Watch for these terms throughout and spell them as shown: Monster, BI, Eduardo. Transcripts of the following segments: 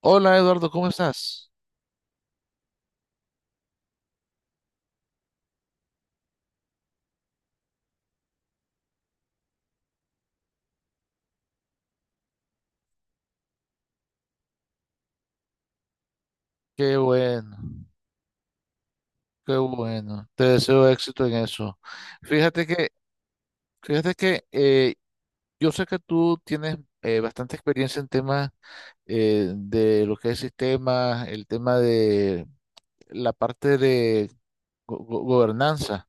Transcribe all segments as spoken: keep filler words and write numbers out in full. Hola Eduardo, ¿cómo estás? Qué bueno, qué bueno. Te deseo éxito en eso. Fíjate que, fíjate que eh, yo sé que tú tienes eh, bastante experiencia en temas eh, de lo que es sistemas, el tema de la parte de go- go- gobernanza,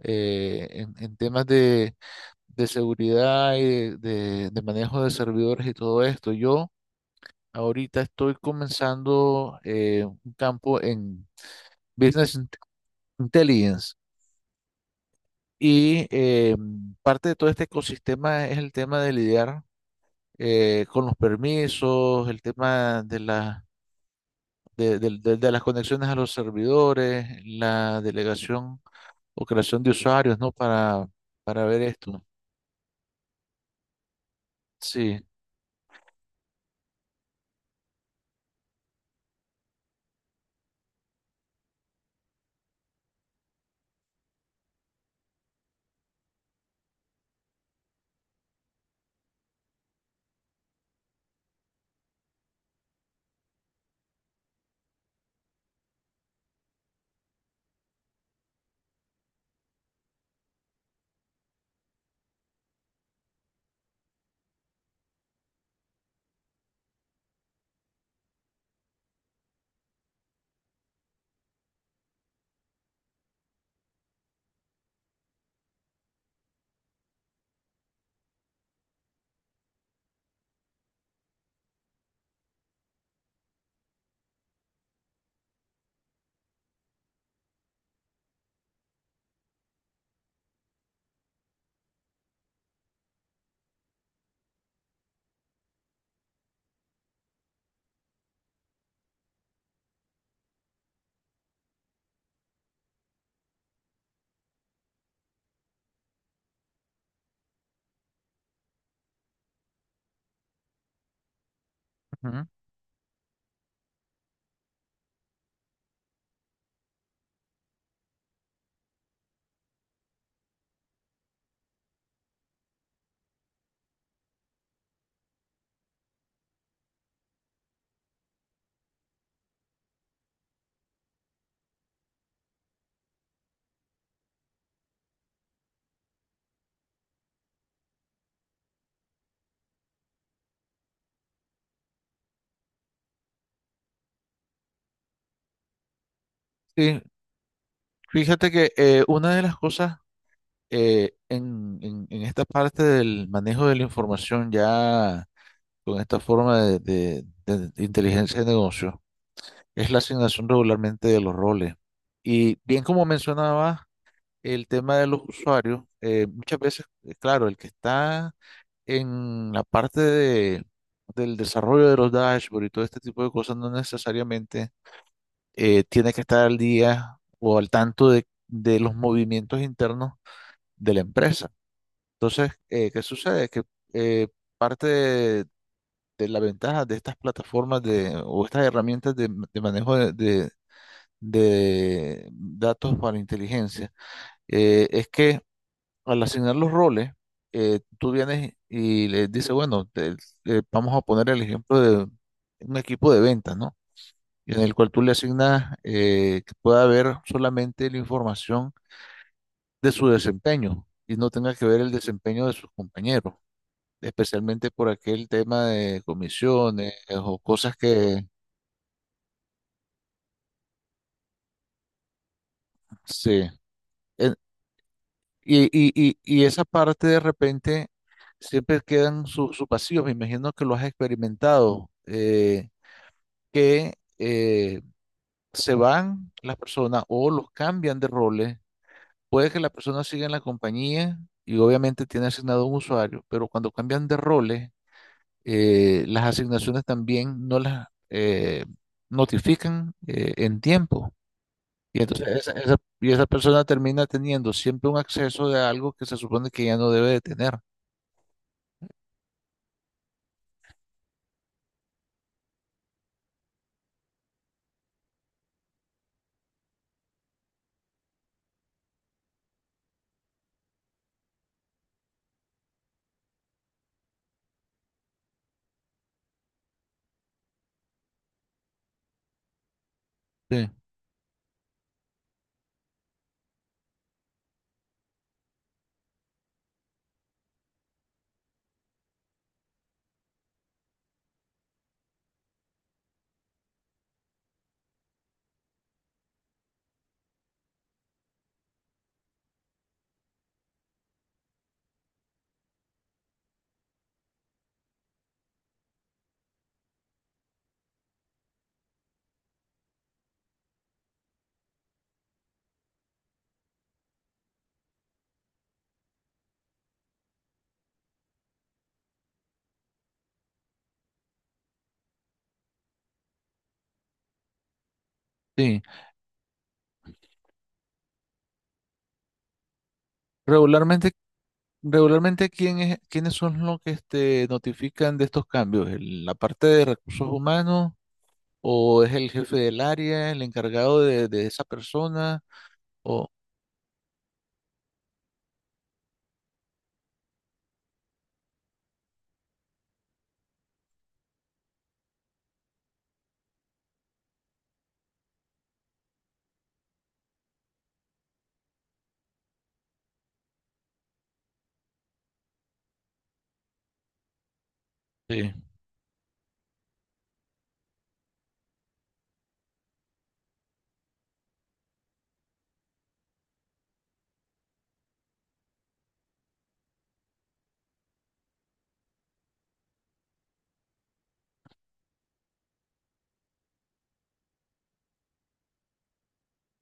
eh, en, en temas de, de seguridad y de, de- de manejo de servidores y todo esto. Yo ahorita estoy comenzando eh, un campo en business. Intelligence. Y eh, parte de todo este ecosistema es el tema de lidiar eh, con los permisos, el tema de, la, de, de- de- de las conexiones a los servidores, la delegación o creación de usuarios, ¿no? Para, para ver esto. Sí. ujú. Sí. Fíjate que eh, una de las cosas eh, en, en- en esta parte del manejo de la información ya con esta forma de de- de inteligencia de negocio. Es la asignación regularmente de los roles. Y bien como mencionaba el tema de los usuarios, eh, muchas veces, eh, claro, el que está en la parte de, del desarrollo de los dashboards y todo este tipo de cosas no necesariamente eh, tiene que estar al día o al tanto de, de los movimientos internos de la empresa. Entonces, eh, ¿qué sucede? Que eh, parte de, de la ventaja de estas plataformas de, o estas herramientas de, de manejo de, de de datos para inteligencia, eh, es que al asignar los roles, eh, tú vienes y le dices, bueno, te- eh, vamos a poner el ejemplo de un equipo de ventas, ¿no? En el cual tú le asignas eh, que pueda ver solamente la información de su desempeño y no tenga que ver el desempeño de sus compañeros, especialmente por aquel tema de comisiones o cosas que se... Y, y, y, y esa parte de repente siempre quedan sus sus vacíos. Me imagino que lo has experimentado, eh, que eh, se van las personas o los cambian de roles. Puede que la persona siga en la compañía y obviamente tiene asignado un usuario, pero cuando cambian de roles, eh, las asignaciones también no las eh, notifican eh, en tiempo. Y entonces esa, esa- y esa persona termina teniendo siempre un acceso de algo que se supone que ya no debe de tener. Sí, sí. Regularmente, regularmente ¿quién es- ¿quiénes son los que este, notifican de estos cambios? ¿El- ¿La parte de recursos humanos o es el jefe del área, el encargado de, de esa persona? O, sí,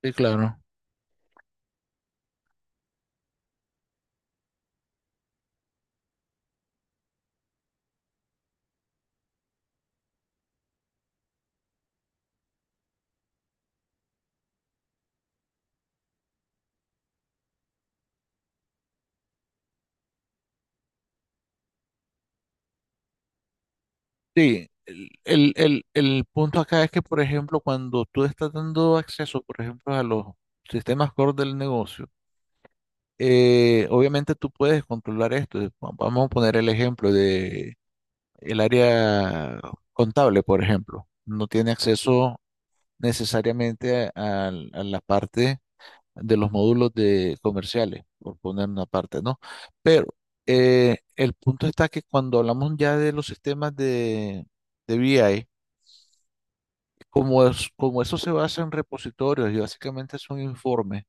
sí, claro. Sí, el, el, el- el punto acá es que, por ejemplo, cuando tú estás dando acceso, por ejemplo, a los sistemas core del negocio, eh, obviamente tú puedes controlar esto. Va- Vamos a poner el ejemplo el área contable, por ejemplo. No tiene acceso necesariamente al- a, la parte de los módulos de comerciales, por poner una parte, ¿no? Pero eh, el punto está que cuando hablamos ya de los sistemas de, de B I, como, es, como eso se basa en repositorios y básicamente es un informe,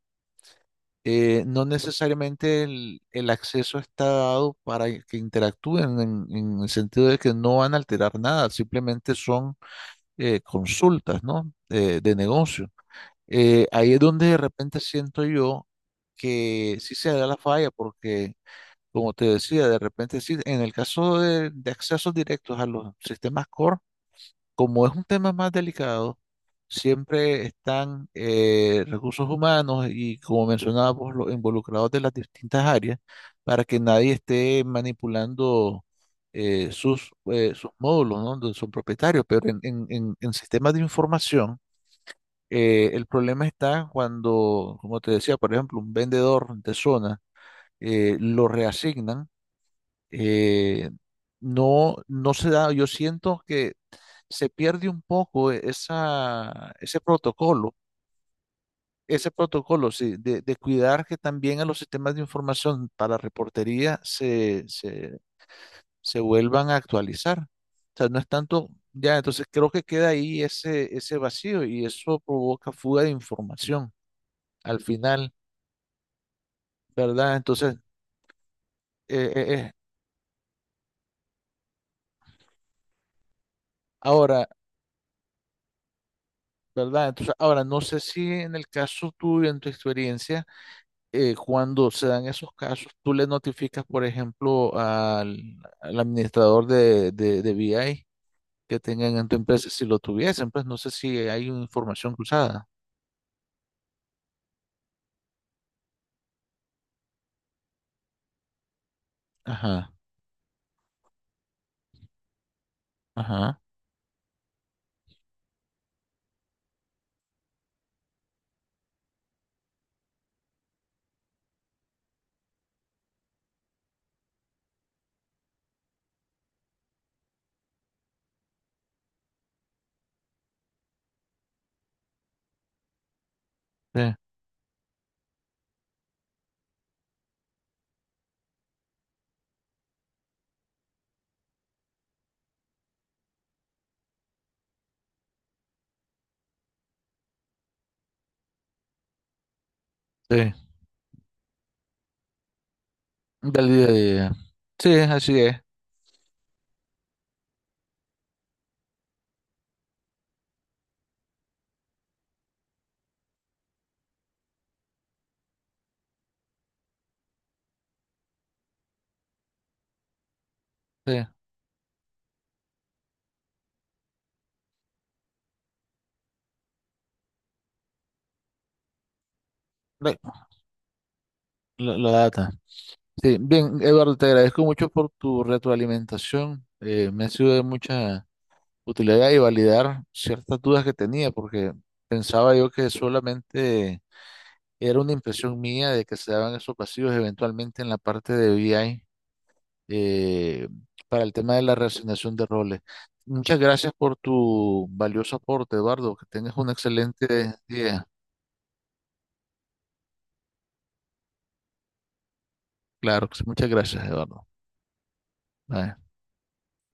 eh, no necesariamente el, el acceso está dado para que interactúen en en el sentido de que no van a alterar nada, simplemente son eh, consultas, ¿no? Eh, de negocio. Eh, ahí es donde de repente siento yo que sí se da la falla, porque, como te decía, de repente sí, en el caso de, de accesos directos a los sistemas core, como es un tema más delicado, siempre están eh, recursos humanos y, como mencionábamos, los involucrados de las distintas áreas para que nadie esté manipulando eh, sus, eh, sus módulos, ¿no? Donde son propietarios, pero en, en- en- en sistemas de información, eh, el problema está cuando, como te decía, por ejemplo, un vendedor de zona eh, lo reasignan eh, no, no se da, yo siento que se pierde un poco esa, ese protocolo, ese protocolo, sí, de, de cuidar que también a los sistemas de información para reportería se, se, se vuelvan a actualizar. O sea, no es tanto, ya, entonces creo que queda ahí ese, ese vacío y eso provoca fuga de información al final, ¿verdad? Entonces, eh, eh, eh, ahora, ¿verdad? Entonces, ahora, no sé si en el caso tuyo, en tu experiencia, eh, cuando se dan esos casos, tú le notificas, por ejemplo, al, al administrador de, de, de B I que tengan en tu empresa, si lo tuviesen, pues no sé si hay una información cruzada. Ajá, ajá, sí, sí, del día a día. Sí, así es, sí, la, la- la data. Sí, bien, Eduardo, te agradezco mucho por tu retroalimentación. eh, me ha sido de mucha utilidad y validar ciertas dudas que tenía, porque pensaba yo que solamente era una impresión mía de que se daban esos vacíos eventualmente en la parte de B I eh, para el tema de la reasignación de roles. Muchas gracias por tu valioso aporte, Eduardo. Que tengas un excelente día. Claro, que sí, muchas gracias, Eduardo. Bye.